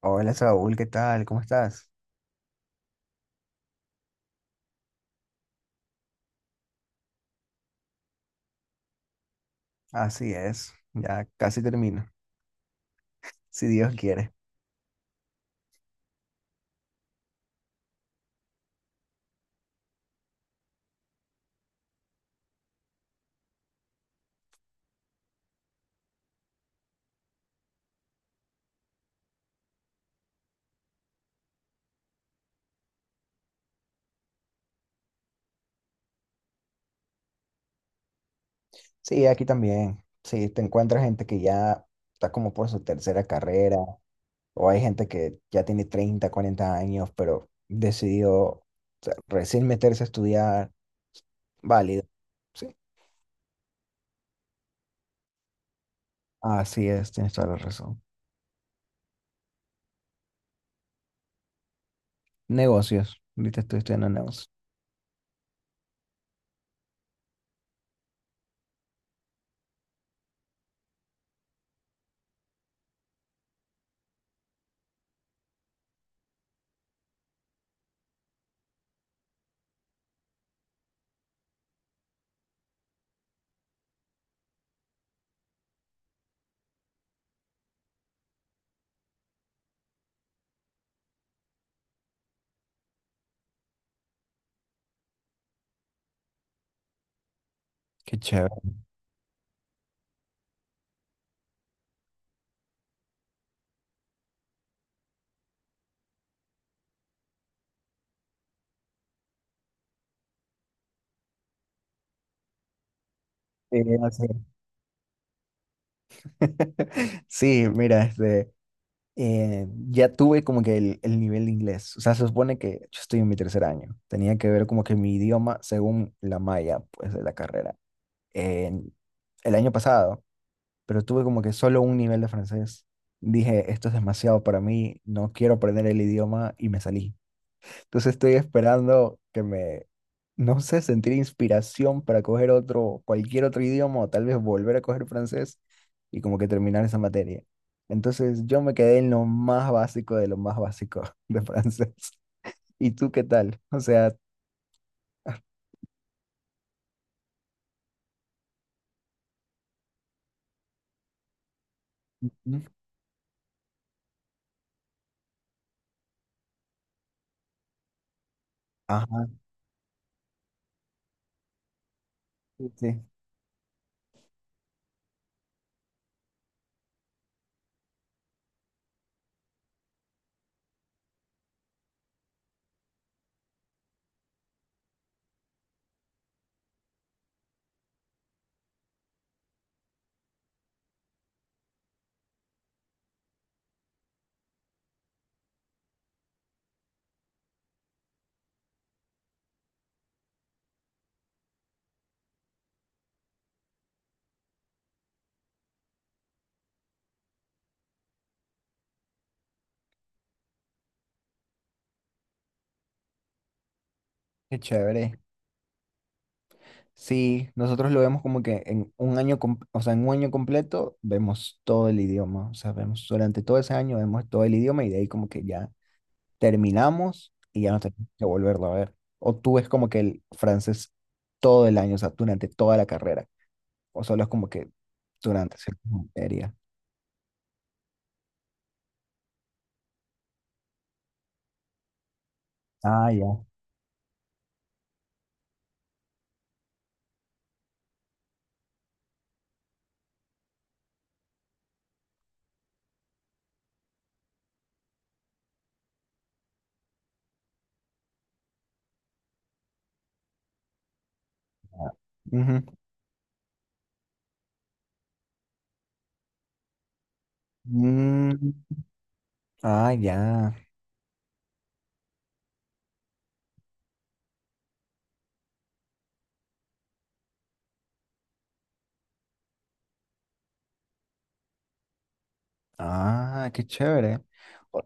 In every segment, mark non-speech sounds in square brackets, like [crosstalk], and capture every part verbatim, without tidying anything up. Hola Saúl, ¿qué tal? ¿Cómo estás? Así es, ya casi termino, si Dios quiere. Sí, aquí también. Sí, te encuentras gente que ya está como por su tercera carrera, o hay gente que ya tiene treinta, cuarenta años, pero decidió o sea, recién meterse a estudiar, válido. Sí, así es, tienes toda la razón. Negocios, ahorita estoy estudiando negocios. Qué chévere. Sí, así es. [laughs] Sí, mira, este, eh, ya tuve como que el, el nivel de inglés. O sea, se supone que yo estoy en mi tercer año. Tenía que ver como que mi idioma según la malla, pues, de la carrera. En el año pasado, pero tuve como que solo un nivel de francés. Dije, esto es demasiado para mí, no quiero aprender el idioma y me salí. Entonces estoy esperando que me, no sé, sentir inspiración para coger otro, cualquier otro idioma o tal vez volver a coger francés y como que terminar esa materia. Entonces yo me quedé en lo más básico de lo más básico [laughs] de francés. ¿Y tú qué tal? O sea, mm, ajá, sí, sí, qué chévere. Sí, nosotros lo vemos como que en un año, com- o sea, en un año completo vemos todo el idioma, o sea, vemos durante todo ese año vemos todo el idioma y de ahí como que ya terminamos y ya no tenemos que volverlo a ver. O tú ves como que el francés todo el año, o sea, durante toda la carrera, o solo es como que durante cierta materia. Ah, ya. Ya. Ujú. Mm, ah, ya. Ah, qué chévere. O-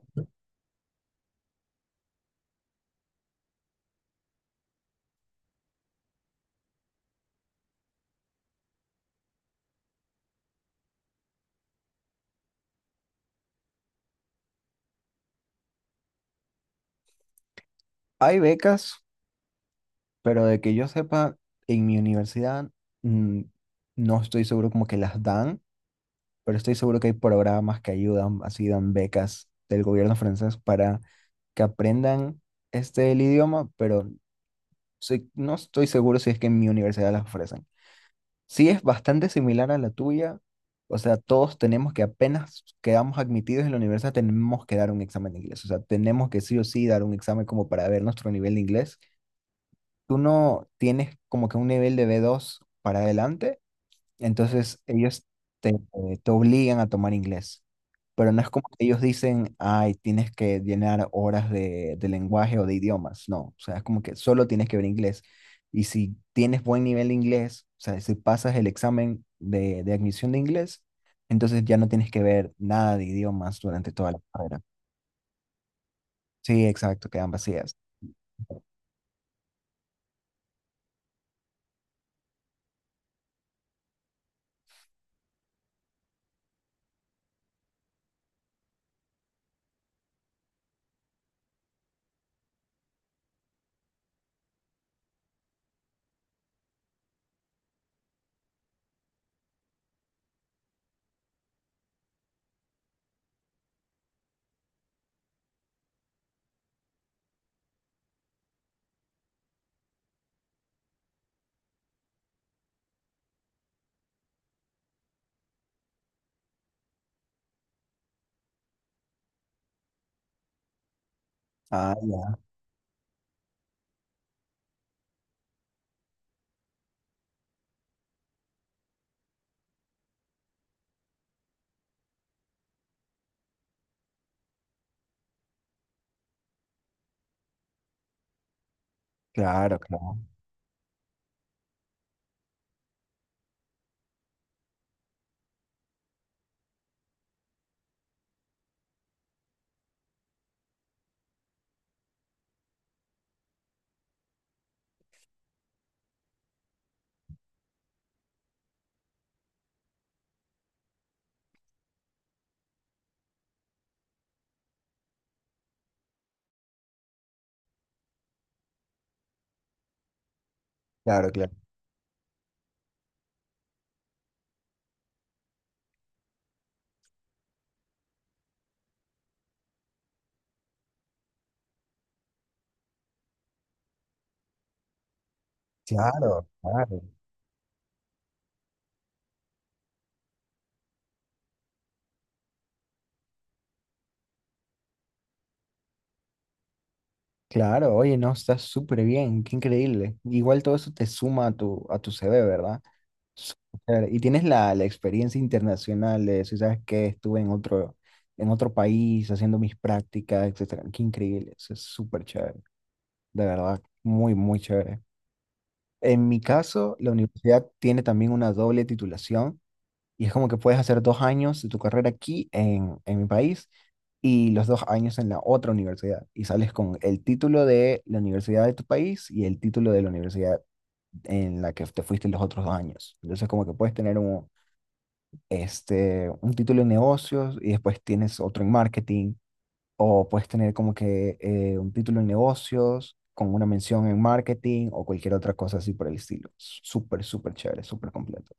Hay becas, pero de que yo sepa, en mi universidad mm, no estoy seguro como que las dan. Pero estoy seguro que hay programas que ayudan, así dan becas del gobierno francés para que aprendan este el idioma, pero soy- no estoy seguro si es que en mi universidad las ofrecen. Sí es bastante similar a la tuya, o sea, todos tenemos que apenas quedamos admitidos en la universidad, tenemos que dar un examen de inglés, o sea, tenemos que sí o sí dar un examen como para ver nuestro nivel de inglés. ¿Tú no tienes como que un nivel de B dos para adelante? Entonces ellos te, eh, te obligan a tomar inglés, pero no es como que ellos dicen, ay, tienes que llenar horas de, de lenguaje o de idiomas, no, o sea, es como que solo tienes que ver inglés. Y si tienes buen nivel de inglés, o sea, si pasas el examen de, de admisión de inglés, entonces ya no tienes que ver nada de idiomas durante toda la carrera. Sí, exacto, quedan vacías. Ah, ya, claro, claro, claro, claro, claro, claro. Claro, oye, no, está súper bien, qué increíble. Igual todo eso te suma a tu, a tu C V, ¿verdad? Súper. Y tienes la, la experiencia internacional de si sabes que estuve en otro, en otro país haciendo mis prácticas, etcétera. Qué increíble, eso es súper chévere, de verdad, muy, muy chévere. En mi caso, la universidad tiene también una doble titulación y es como que puedes hacer dos años de tu carrera aquí en, en mi país y los dos años en la otra universidad. Y sales con el título de la universidad de tu país y el título de la universidad en la que te fuiste los otros dos años. Entonces como que puedes tener un, este, un título en negocios y después tienes otro en marketing. O puedes tener como que eh, un título en negocios con una mención en marketing o cualquier otra cosa así por el estilo. Súper, súper chévere, súper completo.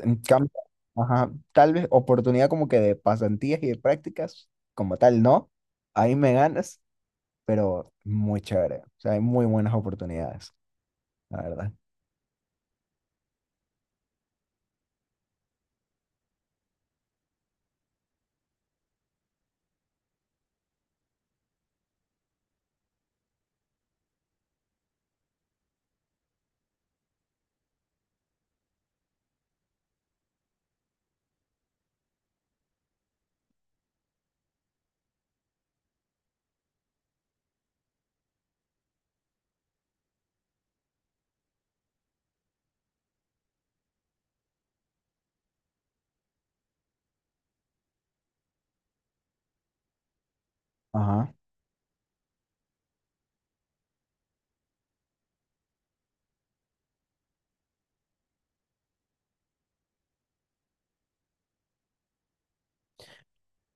En cambio, ajá, tal vez oportunidad como que de pasantías y de prácticas, como tal, no. Ahí me ganas, pero muy chévere. O sea, hay muy buenas oportunidades, la verdad. Ajá.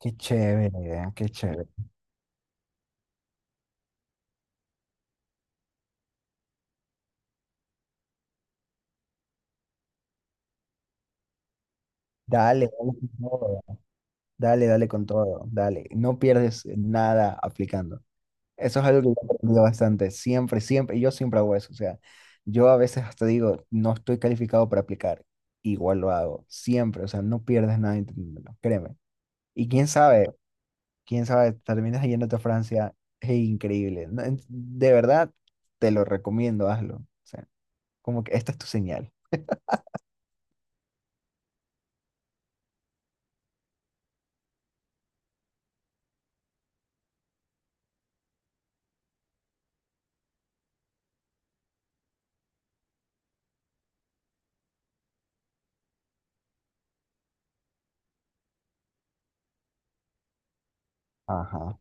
Qué chévere, qué chévere. Dale, dale con todo. Dale, dale con todo. Dale. No pierdes nada aplicando. Eso es algo que yo he aprendido bastante. Siempre, siempre. Yo siempre hago eso. O sea, yo a veces hasta digo, no estoy calificado para aplicar. Igual lo hago. Siempre. O sea, no pierdes nada intentándolo. Créeme. Y quién sabe, quién sabe, terminas yéndote a Francia. Es increíble. No, en- de verdad, te lo recomiendo, hazlo. O sea, como que esta es tu señal. Ajá.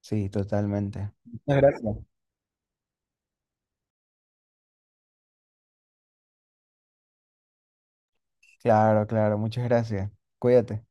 Sí, totalmente. Muchas gracias. Claro, claro, muchas gracias. Cuídate.